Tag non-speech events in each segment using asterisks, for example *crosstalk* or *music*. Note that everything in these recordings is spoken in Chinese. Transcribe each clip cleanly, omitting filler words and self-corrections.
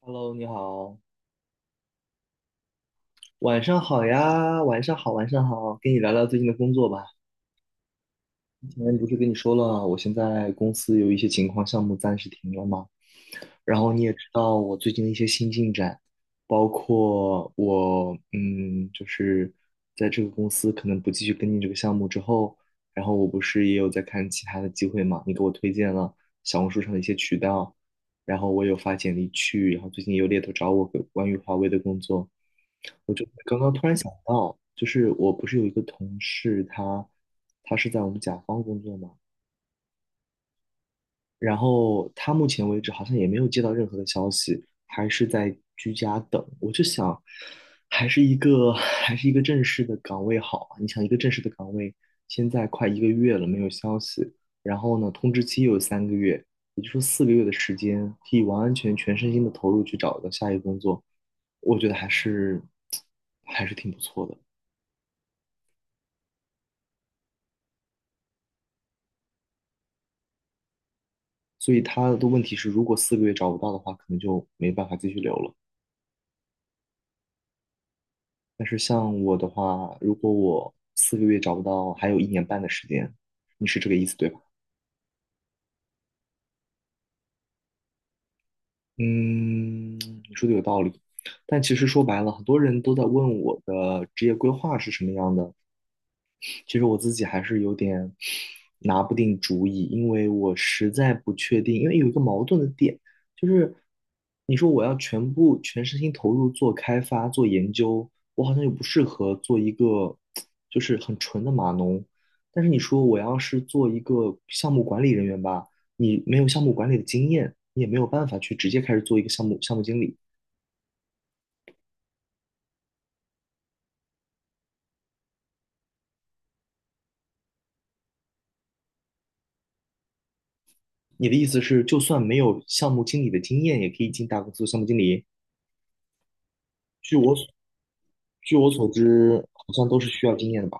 Hello，你好，晚上好呀，晚上好，晚上好，跟你聊聊最近的工作吧。之前不是跟你说了，我现在公司有一些情况，项目暂时停了吗？然后你也知道我最近的一些新进展，包括我就是在这个公司可能不继续跟进这个项目之后，然后我不是也有在看其他的机会嘛？你给我推荐了小红书上的一些渠道，然后我有发简历去，然后最近也有猎头找我关于华为的工作，我就刚刚突然想到，就是我不是有一个同事他，他是在我们甲方工作嘛，然后他目前为止好像也没有接到任何的消息，还是在居家等。我就想，还是一个 *sighs* 还是一个正式的岗位好啊。你想，一个正式的岗位，现在快一个月了没有消息，然后呢，通知期又有3个月，也就是说四个月的时间，可以完完全全身心的投入去找到下一个工作，我觉得还是 *tsk* 还是挺不错的。所以他的问题是，如果四个月找不到的话，可能就没办法继续留了。但是像我的话，如果我四个月找不到，还有一年半的时间，你是这个意思对吧？嗯，你说的有道理。但其实说白了，很多人都在问我的职业规划是什么样的，其实我自己还是有点拿不定主意，因为我实在不确定，因为有一个矛盾的点，就是你说我要全部全身心投入做开发、做研究，我好像又不适合做一个就是很纯的码农，但是你说我要是做一个项目管理人员吧，你没有项目管理的经验，你也没有办法去直接开始做一个项目经理。你的意思是，就算没有项目经理的经验，也可以进大公司做项目经理？据我所据我所知，好像都是需要经验的吧。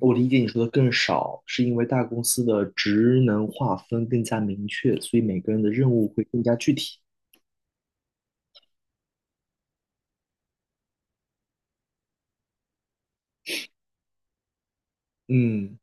我理解你说的更少，是因为大公司的职能划分更加明确，所以每个人的任务会更加具体。嗯，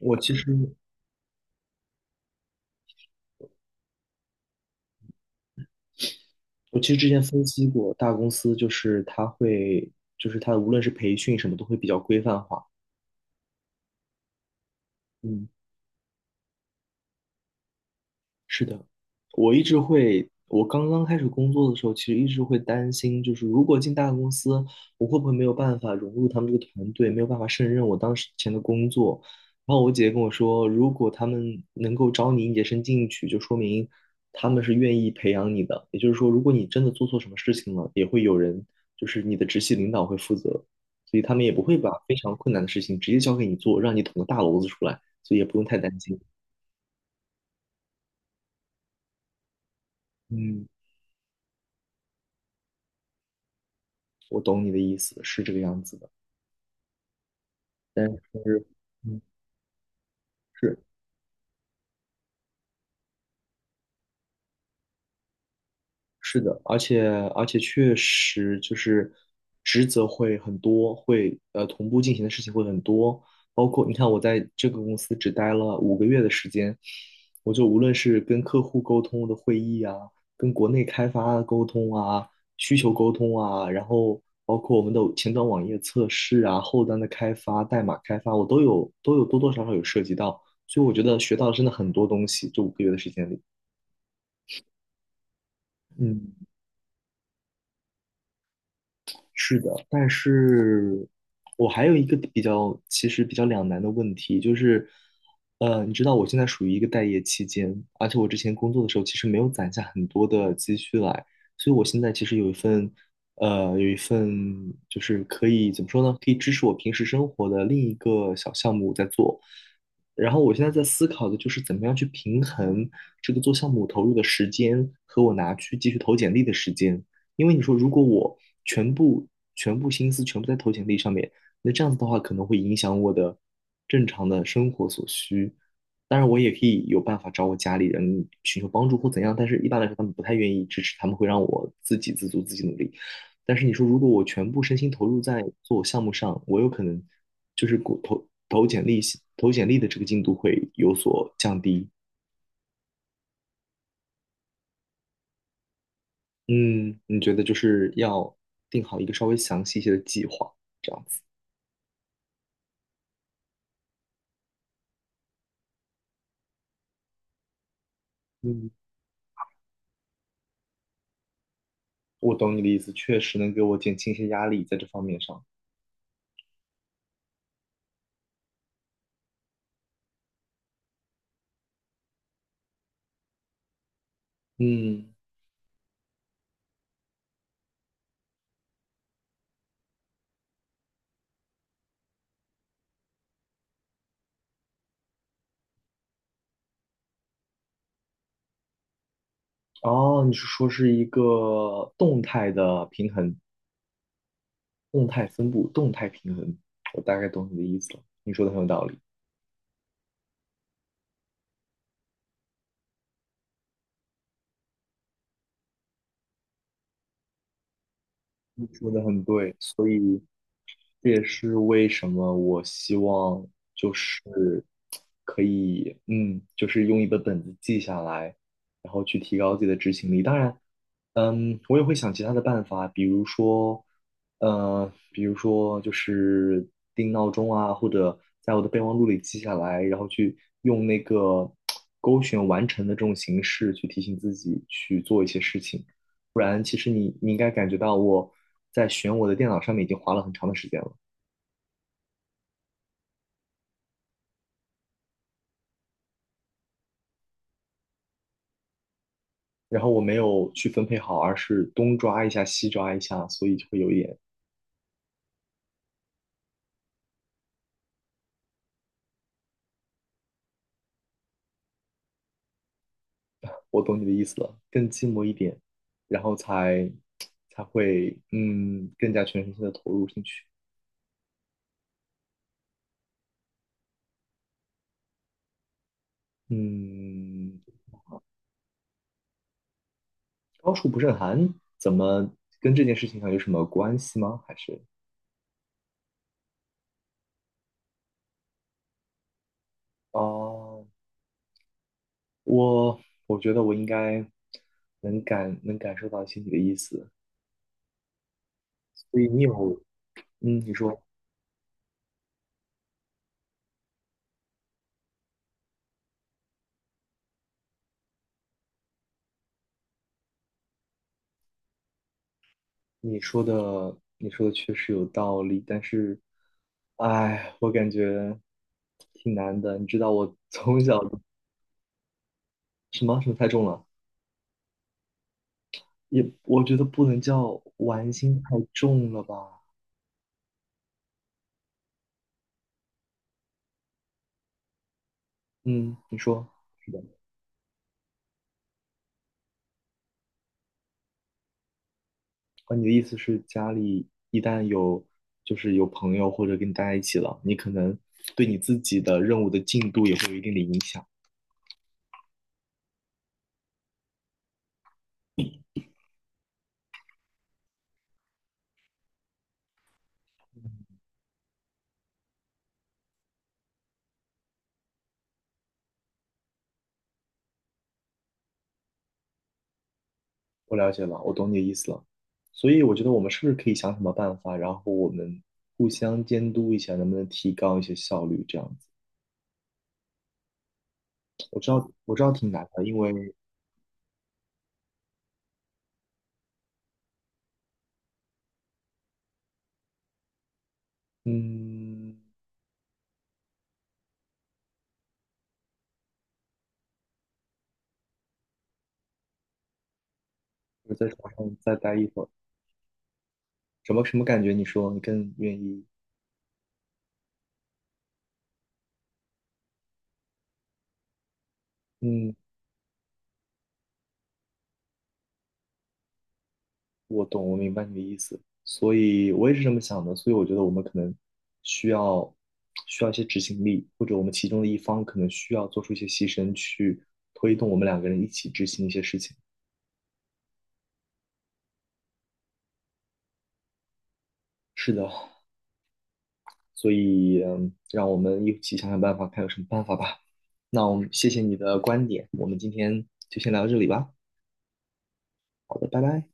我其实我其实之前分析过，大公司就是它会，就是它无论是培训什么都会比较规范化。嗯，是的，我一直会，我刚刚开始工作的时候，其实一直会担心，就是如果进大公司，我会不会没有办法融入他们这个团队，没有办法胜任我当时前的工作。然后我姐姐跟我说，如果他们能够招你应届生进去，就说明他们是愿意培养你的。也就是说，如果你真的做错什么事情了，也会有人，就是你的直系领导会负责，所以他们也不会把非常困难的事情直接交给你做，让你捅个大娄子出来，所以也不用太担心。嗯。我懂你的意思，是这个样子的。但是，嗯，是，是的，而且确实就是职责会很多，会同步进行的事情会很多，包括你看我在这个公司只待了五个月的时间，我就无论是跟客户沟通的会议啊，跟国内开发的沟通啊，需求沟通啊，然后包括我们的前端网页测试啊，后端的开发、代码开发，我都有多多少少有涉及到，所以我觉得学到了真的很多东西，这五个月的时间里，嗯。是的，但是我还有一个比较，其实比较两难的问题，就是，你知道我现在属于一个待业期间，而且我之前工作的时候其实没有攒下很多的积蓄来，所以我现在其实有一份就是可以怎么说呢，可以支持我平时生活的另一个小项目在做。然后我现在在思考的就是怎么样去平衡这个做项目投入的时间和我拿去继续投简历的时间。因为你说如果我全部全部心思全部在投简历上面，那这样子的话可能会影响我的正常的生活所需。当然，我也可以有办法找我家里人寻求帮助或怎样，但是一般来说他们不太愿意支持，他们会让我自给自足，自己努力。但是你说，如果我全部身心投入在做我项目上，我有可能就是过投投简历投简历的这个进度会有所降低。嗯，你觉得就是要定好一个稍微详细一些的计划，这样子。嗯，我懂你的意思，确实能给我减轻一些压力在这方面上。嗯，哦，你是说是一个动态的平衡，动态分布，动态平衡，我大概懂你的意思了，你说的很有道理。你说的很对，所以这也是为什么我希望就是可以，就是用一本本子记下来，然后去提高自己的执行力。当然，我也会想其他的办法，比如说，就是定闹钟啊，或者在我的备忘录里记下来，然后去用那个勾选完成的这种形式去提醒自己去做一些事情。不然其实你应该感觉到我在选我的电脑上面已经花了很长的时间了，然后我没有去分配好，而是东抓一下西抓一下，所以就会有一点，我懂你的意思了，更寂寞一点，然后才会更加全身心的投入进去。嗯，高处不胜寒，怎么跟这件事情上有什么关系吗？还是啊，我我觉得我应该能感受到一些你的意思，所以你有嗯，你说你说的确实有道理，但是，哎，我感觉挺难的。你知道我 *laughs* 从小什么什么太重了，也我觉得不能叫玩心太重了吧。嗯，你说是的。啊，你的意思是家里一旦有就是有朋友或者跟你待在一起了，你可能对你自己的任务的进度也会有一定的影响。我了解了，我懂你的意思了。所以我觉得我们是不是可以想什么办法，然后我们互相监督一下，能不能提高一些效率？这样子，我知道，我知道挺难的，因为，嗯，我在床上再待一会儿，什么什么感觉？你说你更愿意？嗯，我懂，我明白你的意思。所以我也是这么想的。所以我觉得我们可能需要需要一些执行力，或者我们其中的一方可能需要做出一些牺牲，去推动我们两个人一起执行一些事情。是的，所以，让我们一起想想办法，看有什么办法吧。那我们谢谢你的观点，我们今天就先聊到这里吧。好的，拜拜。